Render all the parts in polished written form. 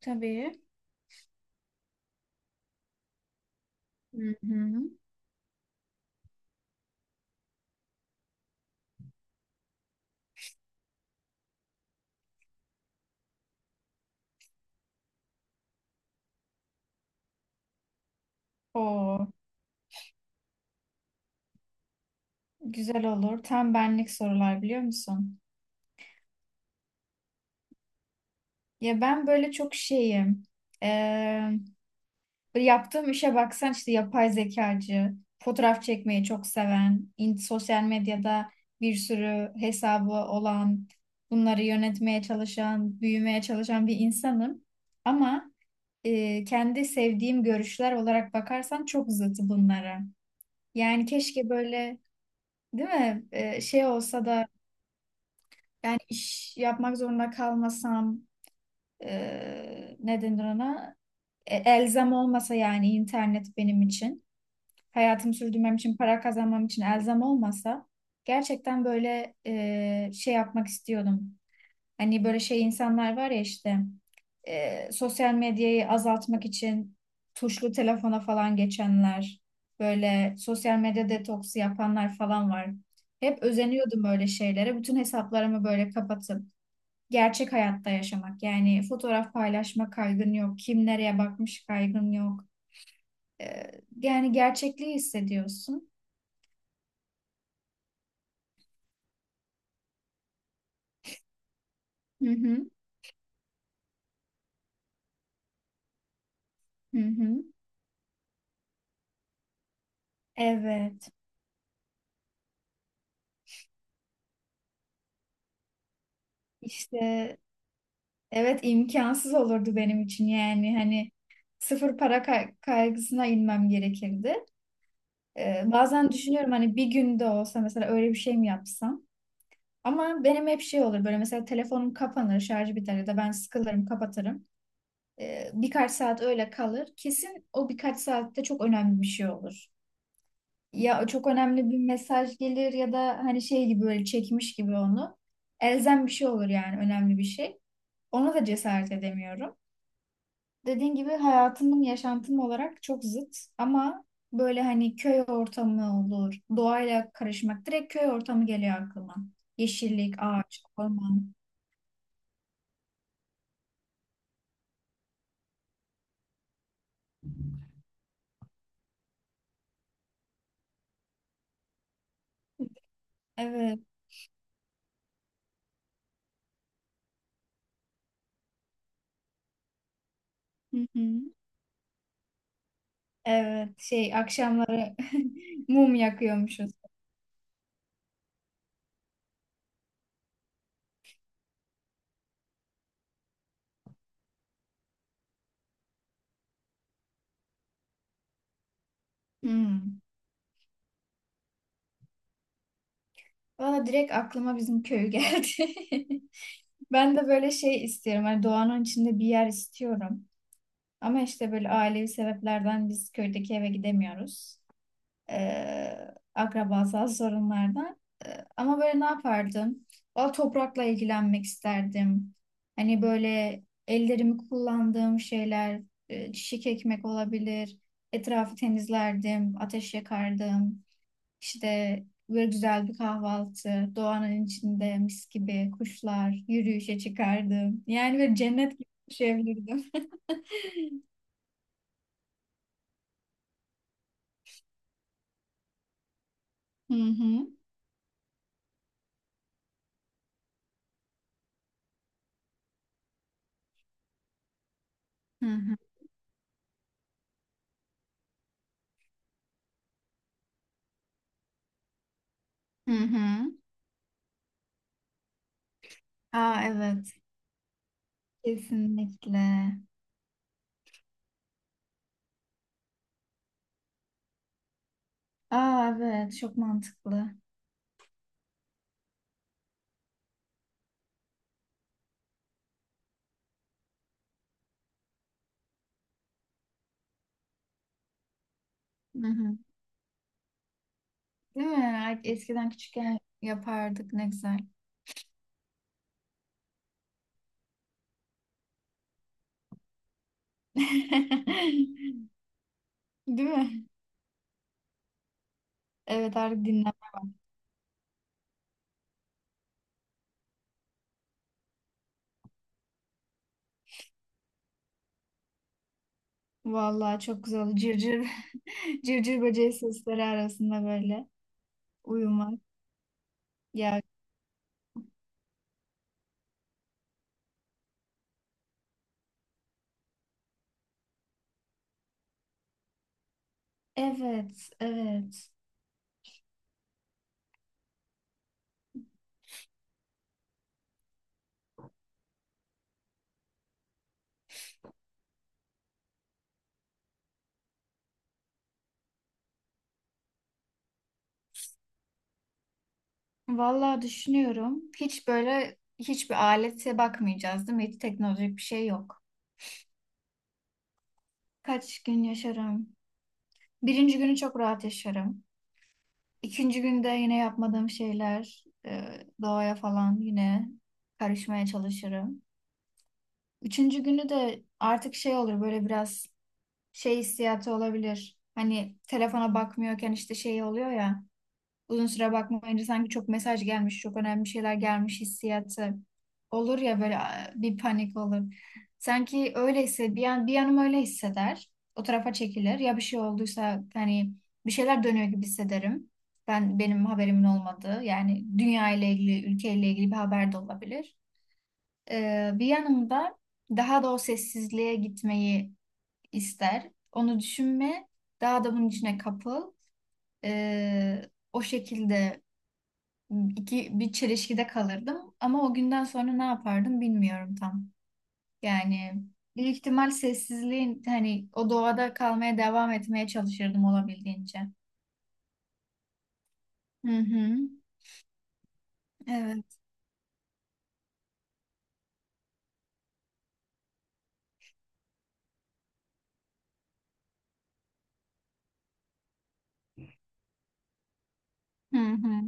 Tabii. Hı hı. O güzel olur. Tam benlik sorular biliyor musun? Ya ben böyle çok şeyim. Ee, yaptığım işe baksan işte yapay zekacı, fotoğraf çekmeyi çok seven, sosyal medyada bir sürü hesabı olan, bunları yönetmeye çalışan, büyümeye çalışan bir insanım. Ama kendi sevdiğim görüşler olarak bakarsan çok zıt bunlara. Yani keşke böyle değil mi? Şey olsa da yani iş yapmak zorunda kalmasam ne denir ona? Elzem olmasa yani internet benim için, hayatımı sürdürmem için, para kazanmam için elzem olmasa gerçekten böyle şey yapmak istiyordum. Hani böyle şey insanlar var ya işte sosyal medyayı azaltmak için tuşlu telefona falan geçenler, böyle sosyal medya detoksu yapanlar falan var. Hep özeniyordum böyle şeylere. Bütün hesaplarımı böyle kapatıp gerçek hayatta yaşamak. Yani fotoğraf paylaşma kaygın yok. Kim nereye bakmış kaygın yok. Ee, yani gerçekliği hissediyorsun. Hı hı, hı hı. Evet. İşte evet, imkansız olurdu benim için yani hani sıfır para kaygısına inmem gerekirdi. Bazen düşünüyorum hani bir günde olsa mesela öyle bir şey mi yapsam? Ama benim hep şey olur böyle mesela telefonum kapanır, şarjı biter ya da ben sıkılırım, kapatırım. Birkaç saat öyle kalır. Kesin o birkaç saatte çok önemli bir şey olur. Ya çok önemli bir mesaj gelir ya da hani şey gibi böyle çekmiş gibi onu. Elzem bir şey olur yani önemli bir şey. Ona da cesaret edemiyorum. Dediğin gibi hayatımın yaşantım olarak çok zıt ama böyle hani köy ortamı olur. Doğayla karışmak direkt köy ortamı geliyor aklıma. Yeşillik, ağaç, orman. Evet. Hı hı. Evet, şey akşamları mum yakıyormuşuz. Hmm. Valla direkt aklıma bizim köy geldi. Ben de böyle şey istiyorum. Hani doğanın içinde bir yer istiyorum. Ama işte böyle ailevi sebeplerden biz köydeki eve gidemiyoruz. Akrabasal sorunlardan. Ama böyle ne yapardım? Valla toprakla ilgilenmek isterdim. Hani böyle ellerimi kullandığım şeyler, çiçek ekmek olabilir. Etrafı temizlerdim, ateş yakardım. İşte böyle güzel bir kahvaltı, doğanın içinde mis gibi kuşlar, yürüyüşe çıkardım. Yani böyle cennet gibi yaşayabilirdim. Hı hı. Hı hı. Hı hı. Aa evet. Kesinlikle. Aa evet. Çok mantıklı. Hı hı. Değil mi? Ay, eskiden küçükken yapardık. Ne güzel. Değil mi? Evet, artık dinlen. Vallahi çok güzel oldu. Cırcır, cırcır böceği sesleri arasında böyle uyumak. Ya evet, evet. Vallahi düşünüyorum. Hiç böyle hiçbir alete bakmayacağız, değil mi? Hiç teknolojik bir şey yok. Kaç gün yaşarım? Birinci günü çok rahat yaşarım. İkinci günde yine yapmadığım şeyler, doğaya falan yine karışmaya çalışırım. Üçüncü günü de artık şey olur böyle biraz şey hissiyatı olabilir. Hani telefona bakmıyorken işte şey oluyor ya. Uzun süre bakmayınca sanki çok mesaj gelmiş, çok önemli şeyler gelmiş hissiyatı olur ya böyle "Aa," bir panik olur. Sanki öyleyse bir yanım öyle hisseder. O tarafa çekilir. Ya bir şey olduysa hani bir şeyler dönüyor gibi hissederim. Benim haberimin olmadığı yani dünya ile ilgili, ülke ile ilgili bir haber de olabilir. Bir yanımda daha da o sessizliğe gitmeyi ister. Onu düşünme, daha da bunun içine kapıl. Ee, o şekilde bir çelişkide kalırdım. Ama o günden sonra ne yapardım bilmiyorum tam. Yani büyük ihtimal sessizliğin hani o doğada kalmaya devam etmeye çalışırdım olabildiğince. Hı hı. Evet. Hı hı.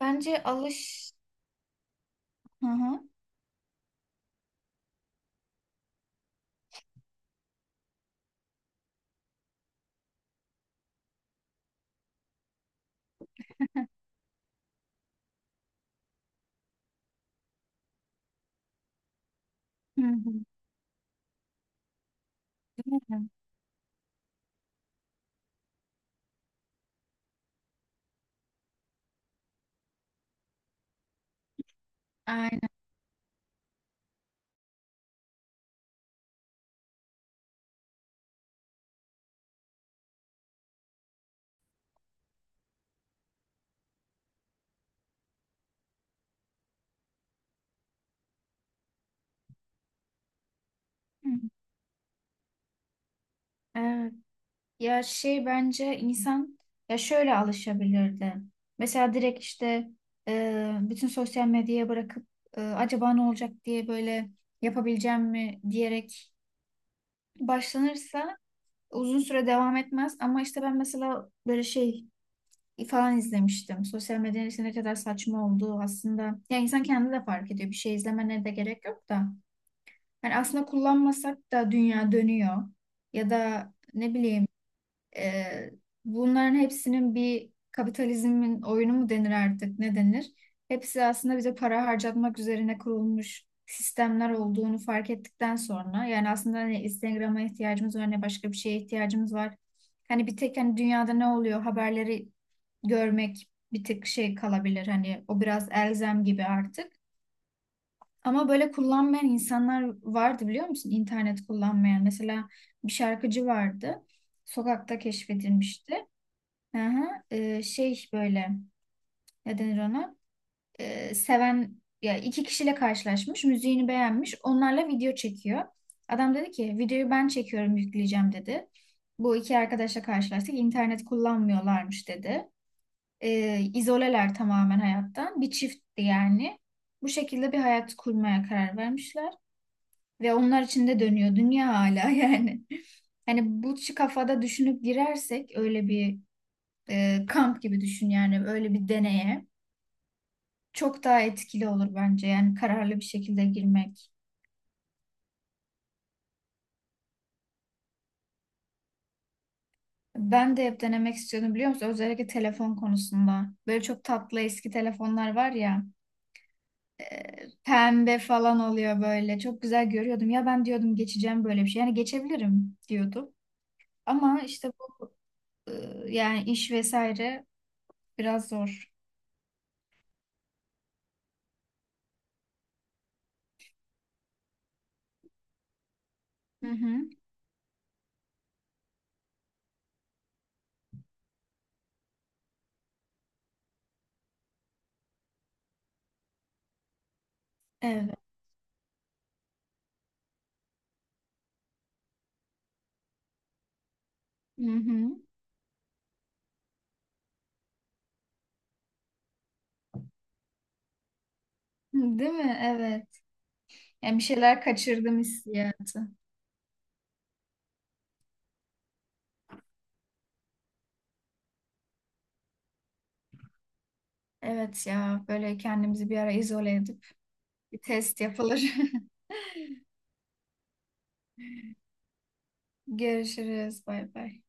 Bence alış. Hı hı. Hı hı. Aynen. Hı. Evet. Ya şey bence insan ya şöyle alışabilirdi. Mesela direkt işte bütün sosyal medyaya bırakıp acaba ne olacak diye böyle yapabileceğim mi diyerek başlanırsa uzun süre devam etmez. Ama işte ben mesela böyle şey falan izlemiştim. Sosyal medyanın işte ne kadar saçma olduğu aslında. Ya insan kendi de fark ediyor. Bir şey izlemene de gerek yok da. Yani aslında kullanmasak da dünya dönüyor. Ya da ne bileyim ee, bunların hepsinin bir kapitalizmin oyunu mu denir artık ne denir? Hepsi aslında bize para harcatmak üzerine kurulmuş sistemler olduğunu fark ettikten sonra yani aslında hani Instagram'a ihtiyacımız var ne başka bir şeye ihtiyacımız var. Hani bir tek hani dünyada ne oluyor haberleri görmek bir tek şey kalabilir hani o biraz elzem gibi artık. Ama böyle kullanmayan insanlar vardı biliyor musun? İnternet kullanmayan. Mesela bir şarkıcı vardı. Sokakta keşfedilmişti. Aha, şey böyle ne denir ona? Seven ya iki kişiyle karşılaşmış, müziğini beğenmiş, onlarla video çekiyor. Adam dedi ki videoyu ben çekiyorum yükleyeceğim dedi. Bu iki arkadaşla karşılaştık. İnternet kullanmıyorlarmış dedi. İzoleler tamamen hayattan. Bir çiftti yani. Bu şekilde bir hayat kurmaya karar vermişler. Ve onlar için de dönüyor dünya hala yani. Hani bu kafada düşünüp girersek öyle bir kamp gibi düşün yani öyle bir deneye. Çok daha etkili olur bence yani kararlı bir şekilde girmek. Ben de hep denemek istiyordum biliyor musun? Özellikle telefon konusunda. Böyle çok tatlı eski telefonlar var ya. Pembe falan oluyor böyle. Çok güzel görüyordum. Ya ben diyordum geçeceğim böyle bir şey. Yani geçebilirim diyordum. Ama işte bu yani iş vesaire biraz zor. Hı hı. Evet. Hı hı. Değil mi? Evet. Yani bir şeyler kaçırdım hissiyatı. Evet, ya böyle kendimizi bir ara izole edip bir test yapılır. Görüşürüz. Bay bay.